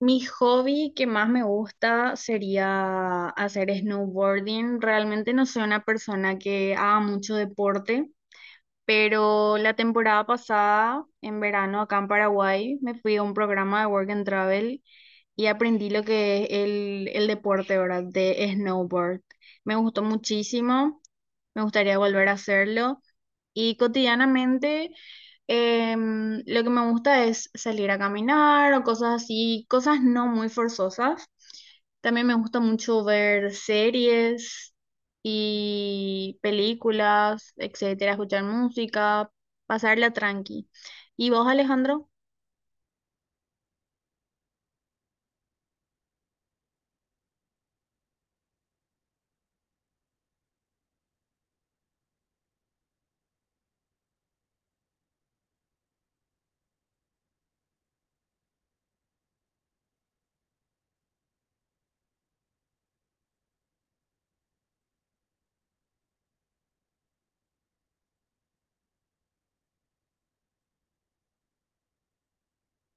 Mi hobby que más me gusta sería hacer snowboarding. Realmente no soy una persona que haga mucho deporte, pero la temporada pasada, en verano, acá en Paraguay, me fui a un programa de Work and Travel y aprendí lo que es el deporte, ¿verdad? De snowboard. Me gustó muchísimo, me gustaría volver a hacerlo. Y cotidianamente lo que me gusta es salir a caminar o cosas así, cosas no muy forzosas. También me gusta mucho ver series y películas, etcétera, escuchar música, pasarla tranqui. ¿Y vos, Alejandro?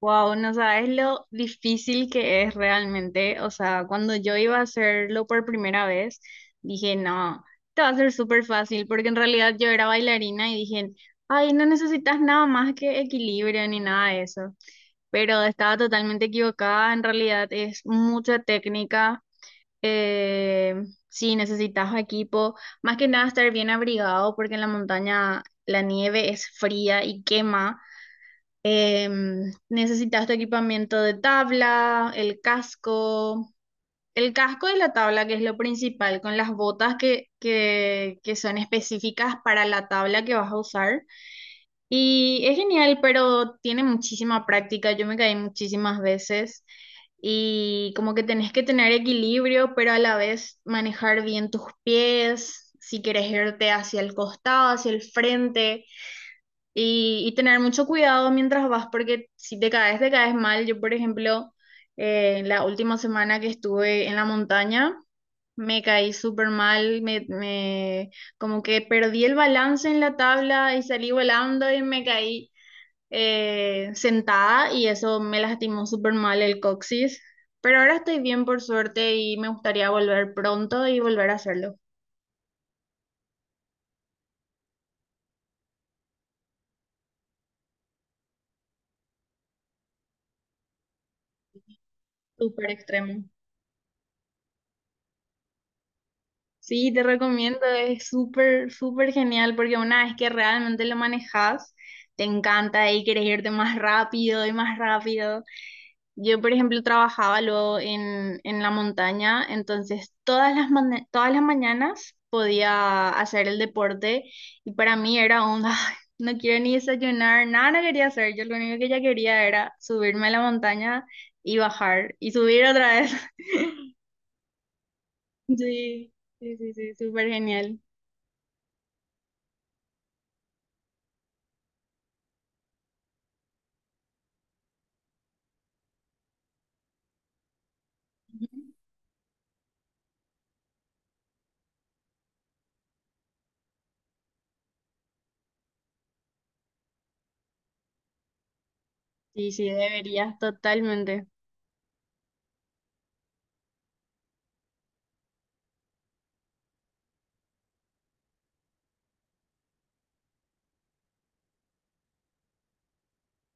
Wow, no sabes lo difícil que es realmente. O sea, cuando yo iba a hacerlo por primera vez, dije, no, te va a ser súper fácil, porque en realidad yo era bailarina y dije, ay, no necesitas nada más que equilibrio ni nada de eso. Pero estaba totalmente equivocada. En realidad es mucha técnica. Eh, sí, necesitas equipo. Más que nada estar bien abrigado, porque en la montaña la nieve es fría y quema. Necesitas tu equipamiento de tabla, el casco y la tabla, que es lo principal, con las botas que son específicas para la tabla que vas a usar. Y es genial, pero tiene muchísima práctica. Yo me caí muchísimas veces y como que tenés que tener equilibrio, pero a la vez manejar bien tus pies, si quieres irte hacia el costado, hacia el frente. Y tener mucho cuidado mientras vas, porque si te caes, te caes mal. Yo, por ejemplo, la última semana que estuve en la montaña, me caí súper mal, como que perdí el balance en la tabla y salí volando y me caí sentada y eso me lastimó súper mal el coxis. Pero ahora estoy bien por suerte y me gustaría volver pronto y volver a hacerlo. Súper extremo. Sí, te recomiendo, es súper, súper genial porque una vez que realmente lo manejas, te encanta y quieres irte más rápido y más rápido. Yo, por ejemplo, trabajaba luego en la montaña, entonces todas las mañanas podía hacer el deporte y para mí era un, "Ay, no quiero ni desayunar, nada, no quería hacer. Yo lo único que ya quería era subirme a la montaña y bajar y subir otra vez. Sí, sí, sí, sí, súper genial. Sí, sí, deberías totalmente.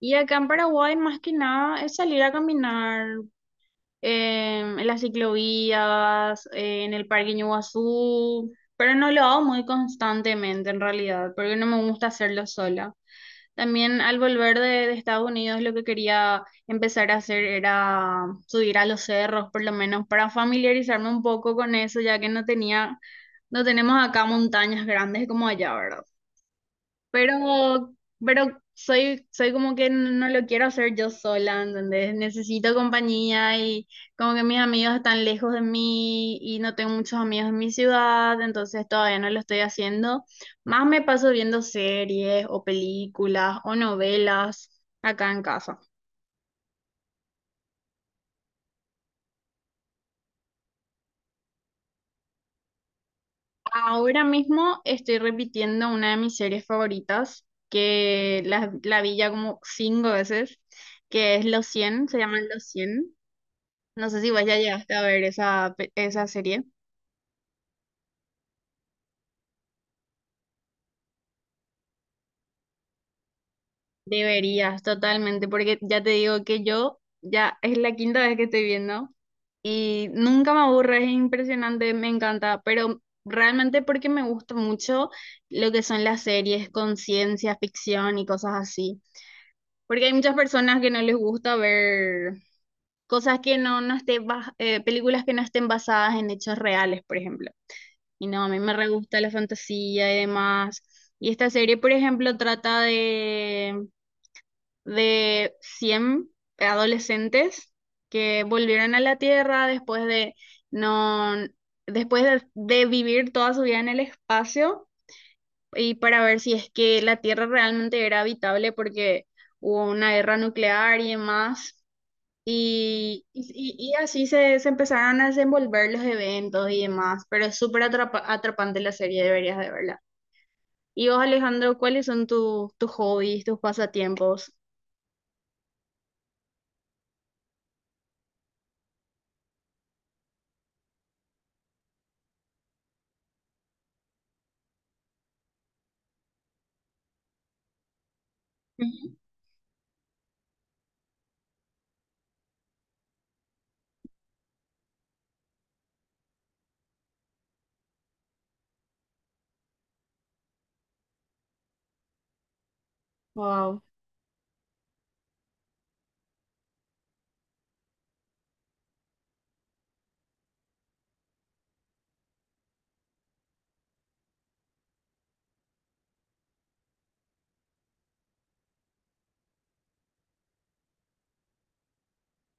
Y acá en Paraguay, más que nada, es salir a caminar en las ciclovías, en el Parque Ñuazú, pero no lo hago muy constantemente en realidad, porque no me gusta hacerlo sola. También al volver de Estados Unidos, lo que quería empezar a hacer era subir a los cerros, por lo menos para familiarizarme un poco con eso, ya que no tenía, no tenemos acá montañas grandes como allá, ¿verdad? Pero, pero soy como que no lo quiero hacer yo sola, ¿entendés? Necesito compañía y como que mis amigos están lejos de mí y no tengo muchos amigos en mi ciudad, entonces todavía no lo estoy haciendo. Más me paso viendo series o películas o novelas acá en casa. Ahora mismo estoy repitiendo una de mis series favoritas, que la vi ya como cinco veces, que es Los cien, se llaman Los cien. No sé si vos ya llegaste a ver esa serie. Deberías, totalmente, porque ya te digo que yo ya es la quinta vez que estoy viendo y nunca me aburre, es impresionante, me encanta, pero realmente porque me gusta mucho lo que son las series con ciencia ficción y cosas así. Porque hay muchas personas que no les gusta ver cosas que no, no estén, películas que no estén basadas en hechos reales, por ejemplo. Y no, a mí me re gusta la fantasía y demás. Y esta serie, por ejemplo, trata de 100 adolescentes que volvieron a la Tierra después de, no, después de vivir toda su vida en el espacio y para ver si es que la Tierra realmente era habitable porque hubo una guerra nuclear y demás. Y así se empezaron a desenvolver los eventos y demás, pero es súper atrapante la serie, deberías de verla. Y vos, Alejandro, ¿cuáles son tus hobbies, tus pasatiempos? Wow,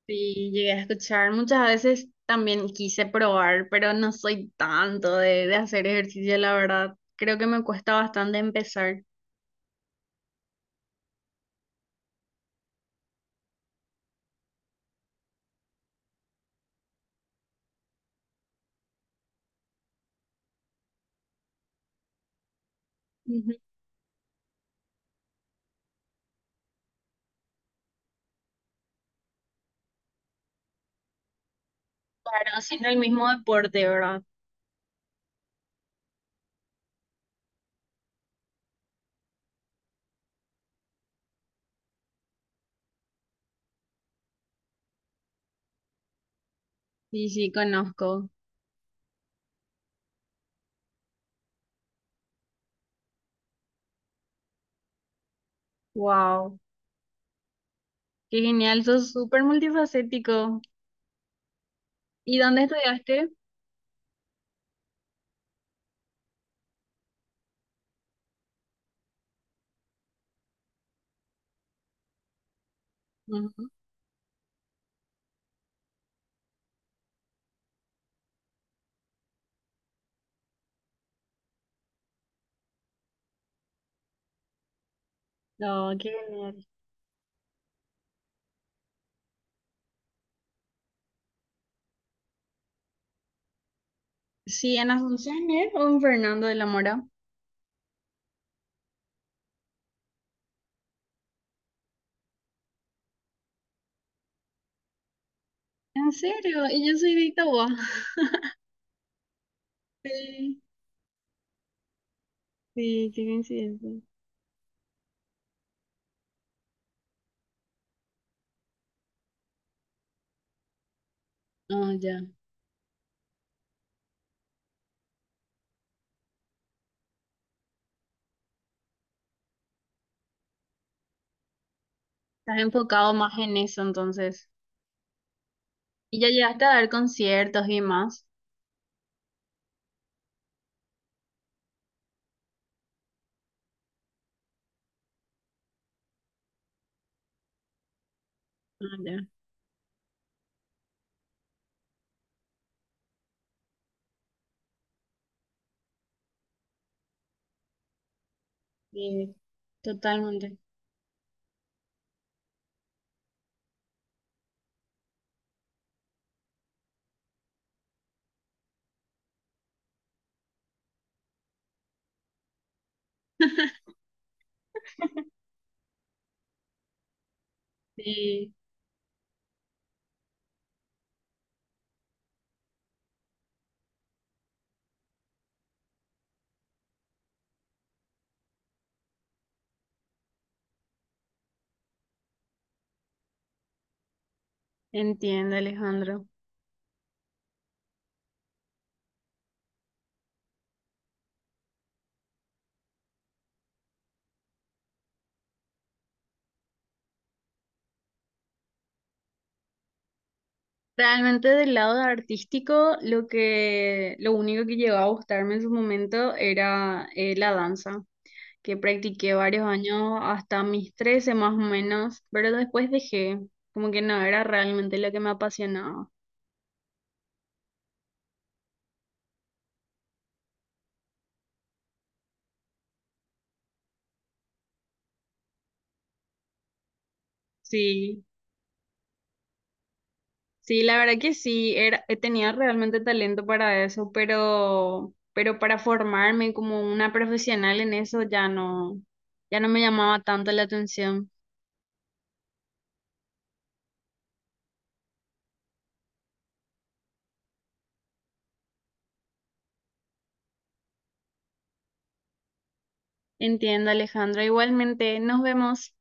sí, llegué a escuchar. Muchas veces también quise probar, pero no soy tanto de hacer ejercicio, la verdad. Creo que me cuesta bastante empezar. Ujú. Claro, haciendo el mismo deporte, ¿verdad? Sí, sí, conozco. Wow. Qué genial, sos súper multifacético. ¿Y dónde estudiaste? Ujú. No, qué genial. Sí, en Asunción, ¿eh? ¿O en Fernando de la Mora? ¿En serio? Y yo soy de Itauguá. Sí, sí, qué coincidencia. Ah, ya. Estás enfocado más en eso, entonces. Y ya llegaste a dar conciertos y más. Ah, ya. Sí, totalmente. Sí, entiendo, Alejandro. Realmente del lado artístico, lo único que llegó a gustarme en su momento era la danza. Que practiqué varios años hasta mis 13 más o menos, pero después dejé, como que no era realmente lo que me apasionaba. Sí, sí, la verdad que sí, era, tenía realmente talento para eso, pero para formarme como una profesional en eso ya no, ya no me llamaba tanto la atención. Entiendo, Alejandro. Igualmente, nos vemos.